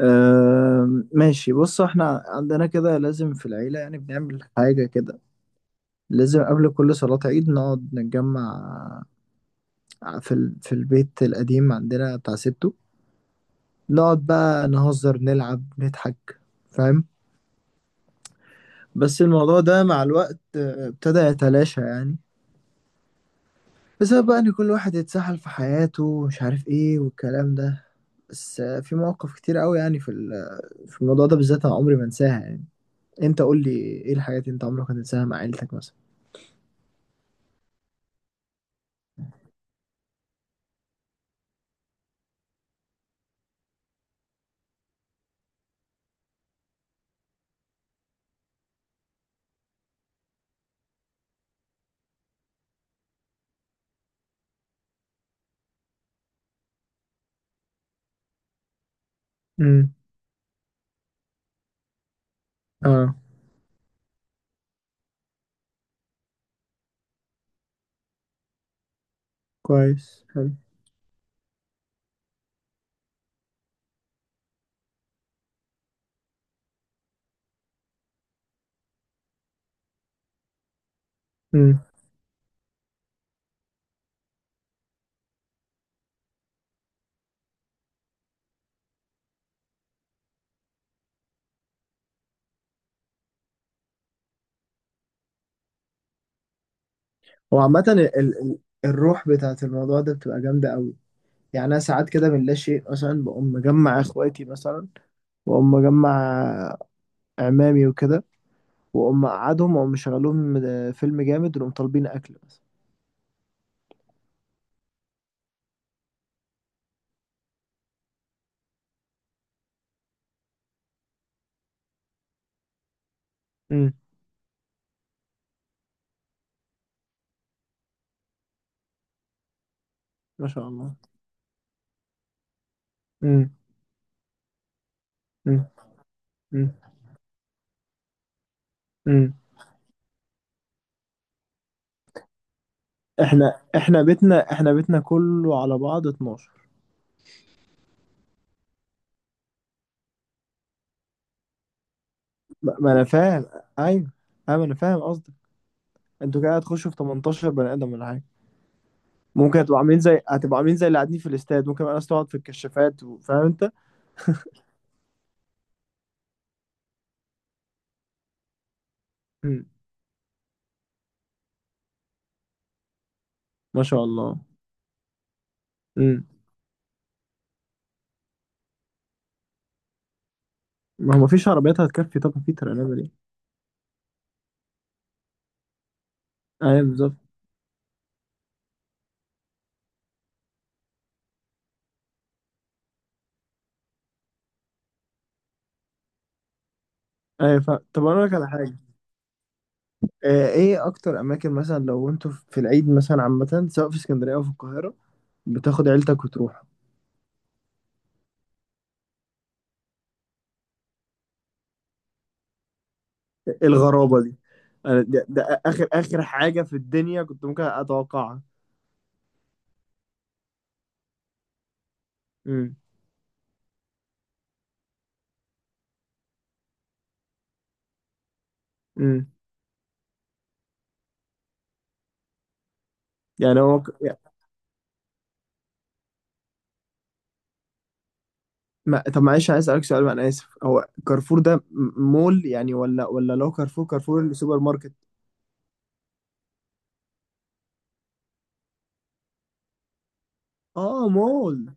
ماشي، بص، احنا عندنا كده لازم في العيلة، يعني بنعمل حاجة كده. لازم قبل كل صلاة عيد نقعد نتجمع في البيت القديم عندنا بتاع ستو. نقعد بقى نهزر نلعب نضحك، فاهم؟ بس الموضوع ده مع الوقت، ابتدى يتلاشى يعني. بسبب بقى ان كل واحد اتسحل في حياته ومش عارف ايه والكلام ده. بس في مواقف كتير قوي يعني، في الموضوع ده بالذات انا عمري ما انساها يعني. انت قول لي، ايه الحاجات اللي انت عمرك ما تنساها مع عيلتك مثلا؟ امم. اه، كويس، حلو. امم. وعامة الروح بتاعت الموضوع ده بتبقى جامدة قوي. يعني أنا ساعات كده من لا شيء مثلا بقوم مجمع إخواتي مثلا، وأقوم مجمع عمامي وكده، وأقوم أقعدهم وأقوم مشغلهم فيلم جامد ونقوم طالبين أكل مثلا. امم. ما شاء الله. امم. امم. امم. امم. إحنا بيتنا كله على بعض 12. ما أنا فاهم. أيوه، أيوه، أنا فاهم قصدك. أنتوا كده هتخشوا في 18 بني آدم ولا حاجة؟ ممكن هتبقى عاملين زي اللي قاعدين في الاستاد، ممكن بقى ناس تقعد في الكشافات فاهم انت؟ مم. ما شاء الله. مم. ما هو مفيش عربيات هتكفي، طب في ترى نعمل ايه؟ ايوه، بالظبط. ايوه، طب انا اقول لك على حاجه. ايه اكتر اماكن مثلا، لو انتوا في العيد مثلا عامه، سواء في اسكندريه او في القاهره، بتاخد عيلتك وتروح؟ الغرابه دي! انا ده اخر اخر حاجه في الدنيا كنت ممكن اتوقعها. امم. امم. يعني هو، ما طب معلش عايز اسالك سؤال وانا اسف، هو كارفور ده مول يعني ولا لو كارفور اللي سوبر ماركت؟ اه، مول.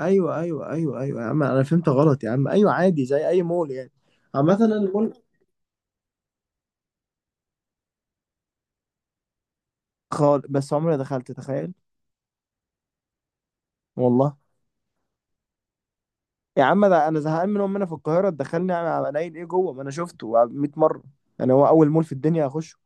ايوه، ايوه، ايوه، ايوه، يا عم انا فهمت غلط يا عم. ايوه عادي زي اي مول يعني. عامه، أنا المول خالص بس عمري ما دخلت، تخيل. والله يا عم، ده انا زهقان من امنا في القاهره دخلني قليل ايه جوه ما انا شفته 100 مره. يعني هو اول مول في الدنيا اخشه؟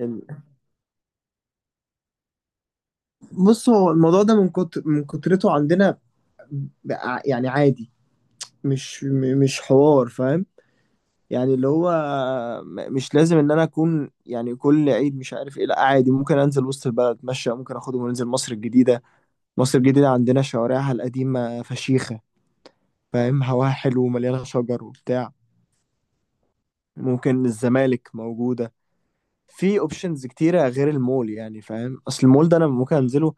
ال- بص، هو الموضوع ده من كترته عندنا، ب- يعني عادي، مش حوار، فاهم؟ يعني اللي هو مش لازم ان انا اكون يعني كل عيد مش عارف ايه، لا عادي، ممكن انزل وسط البلد اتمشى، ممكن اخدهم وننزل مصر الجديدة. مصر الجديدة عندنا شوارعها القديمة فشيخة، فاهم، هواها حلو ومليانة شجر وبتاع. ممكن الزمالك موجودة، في اوبشنز كتيرة غير المول يعني، فاهم، اصل المول ده انا ممكن انزله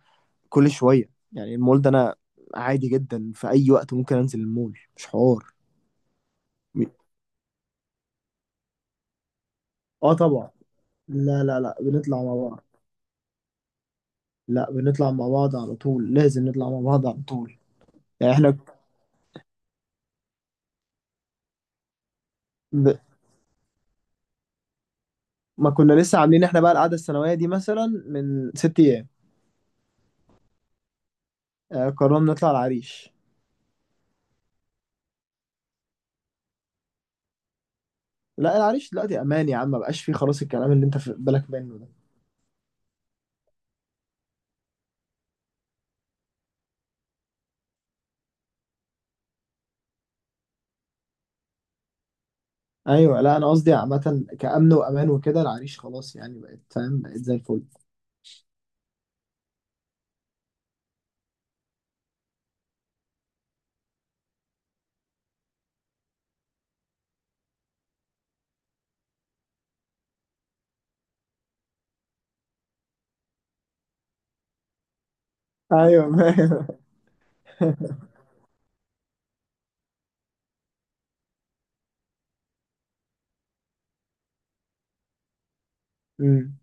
كل شوية يعني. المول ده انا عادي جدا في اي وقت ممكن انزل المول، مش حوار. اه طبعا. لا، لا، لا، بنطلع مع بعض. لا، بنطلع مع بعض على طول، لازم نطلع مع بعض على طول. يعني احنا، ب... ما كنا لسه عاملين احنا بقى القعده السنويه دي مثلا من 6 ايام. قررنا نطلع العريش. لا، العريش دلوقتي امان يا عم، ما بقاش فيه خلاص الكلام اللي انت في بالك منه ده. ايوه، لا انا قصدي عامه كامن وامان وكده، العريش خلاص يعني بقت، فاهم، بقت زي الفل. ايوه. امم.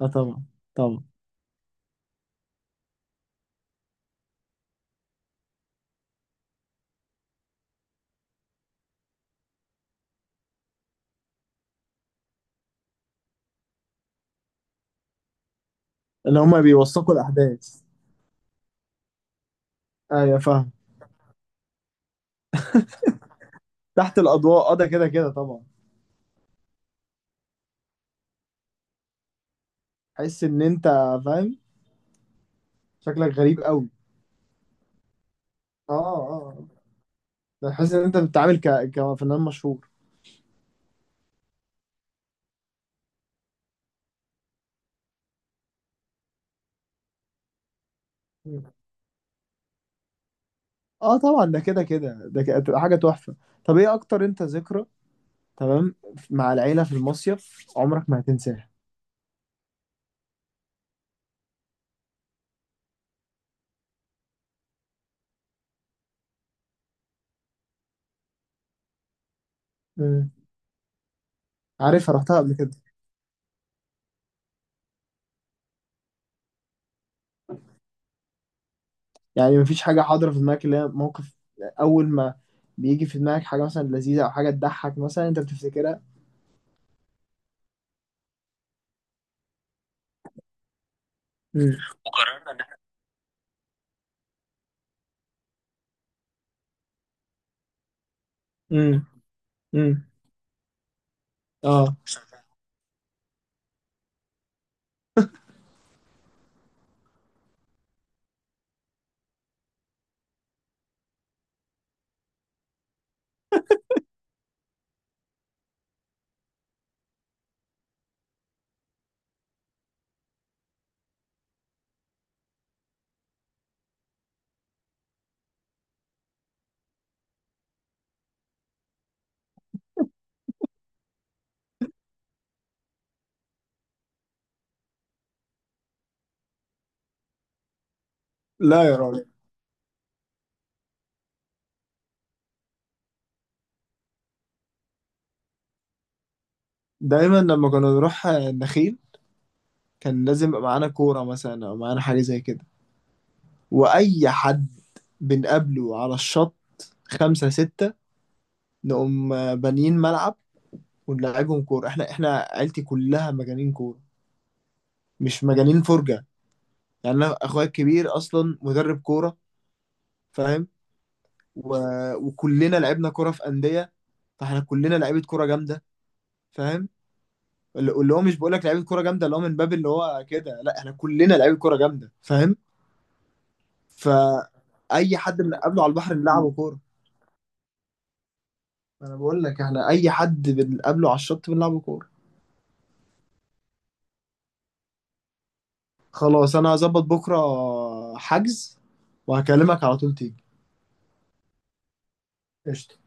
اه، طبعا، طبعا. اللي هما بيوثقوا الاحداث. ايوه، فاهم. تحت الاضواء. اه، ده كده كده طبعا. تحس ان انت، فاهم، شكلك غريب قوي. اه، اه، بحس ان انت بتتعامل كفنان مشهور. اه طبعا، ده كده كده، هتبقى حاجه تحفه. طب، ايه اكتر انت، ذكرى تمام مع العيله في المصيف عمرك ما هتنساها؟ مم. عارفها، رحتها قبل كده. يعني مفيش حاجه حاضره في دماغك اللي هي موقف اول ما بيجي في دماغك، حاجه مثلا لذيذه او حاجه تضحك مثلا انت بتفتكرها؟ مم. مم. مم. اه، لا يا راجل. دايما لما كنا نروح النخيل كان لازم يبقى معانا كوره مثلا او معانا حاجه زي كده، واي حد بنقابله على الشط خمسة ستة نقوم بانيين ملعب ونلعبهم كورة. احنا عيلتي كلها مجانين كورة، مش مجانين فرجة. يعني انا اخويا الكبير اصلا مدرب كورة، فاهم. و... وكلنا لعبنا كورة في أندية، فاحنا كلنا لعيبة كورة جامدة، فاهم. اللي هو مش بقول لك لعيبة كورة جامدة اللي هو من باب اللي هو كده، لا احنا كلنا لعيبة كورة جامدة، فاهم. فأي حد بنقابله على البحر نلعبه كورة. انا بقول لك احنا اي حد بنقابله على الشط بنلعب كوره. خلاص انا هظبط بكره حجز وهكلمك على طول تيجي. قشطة.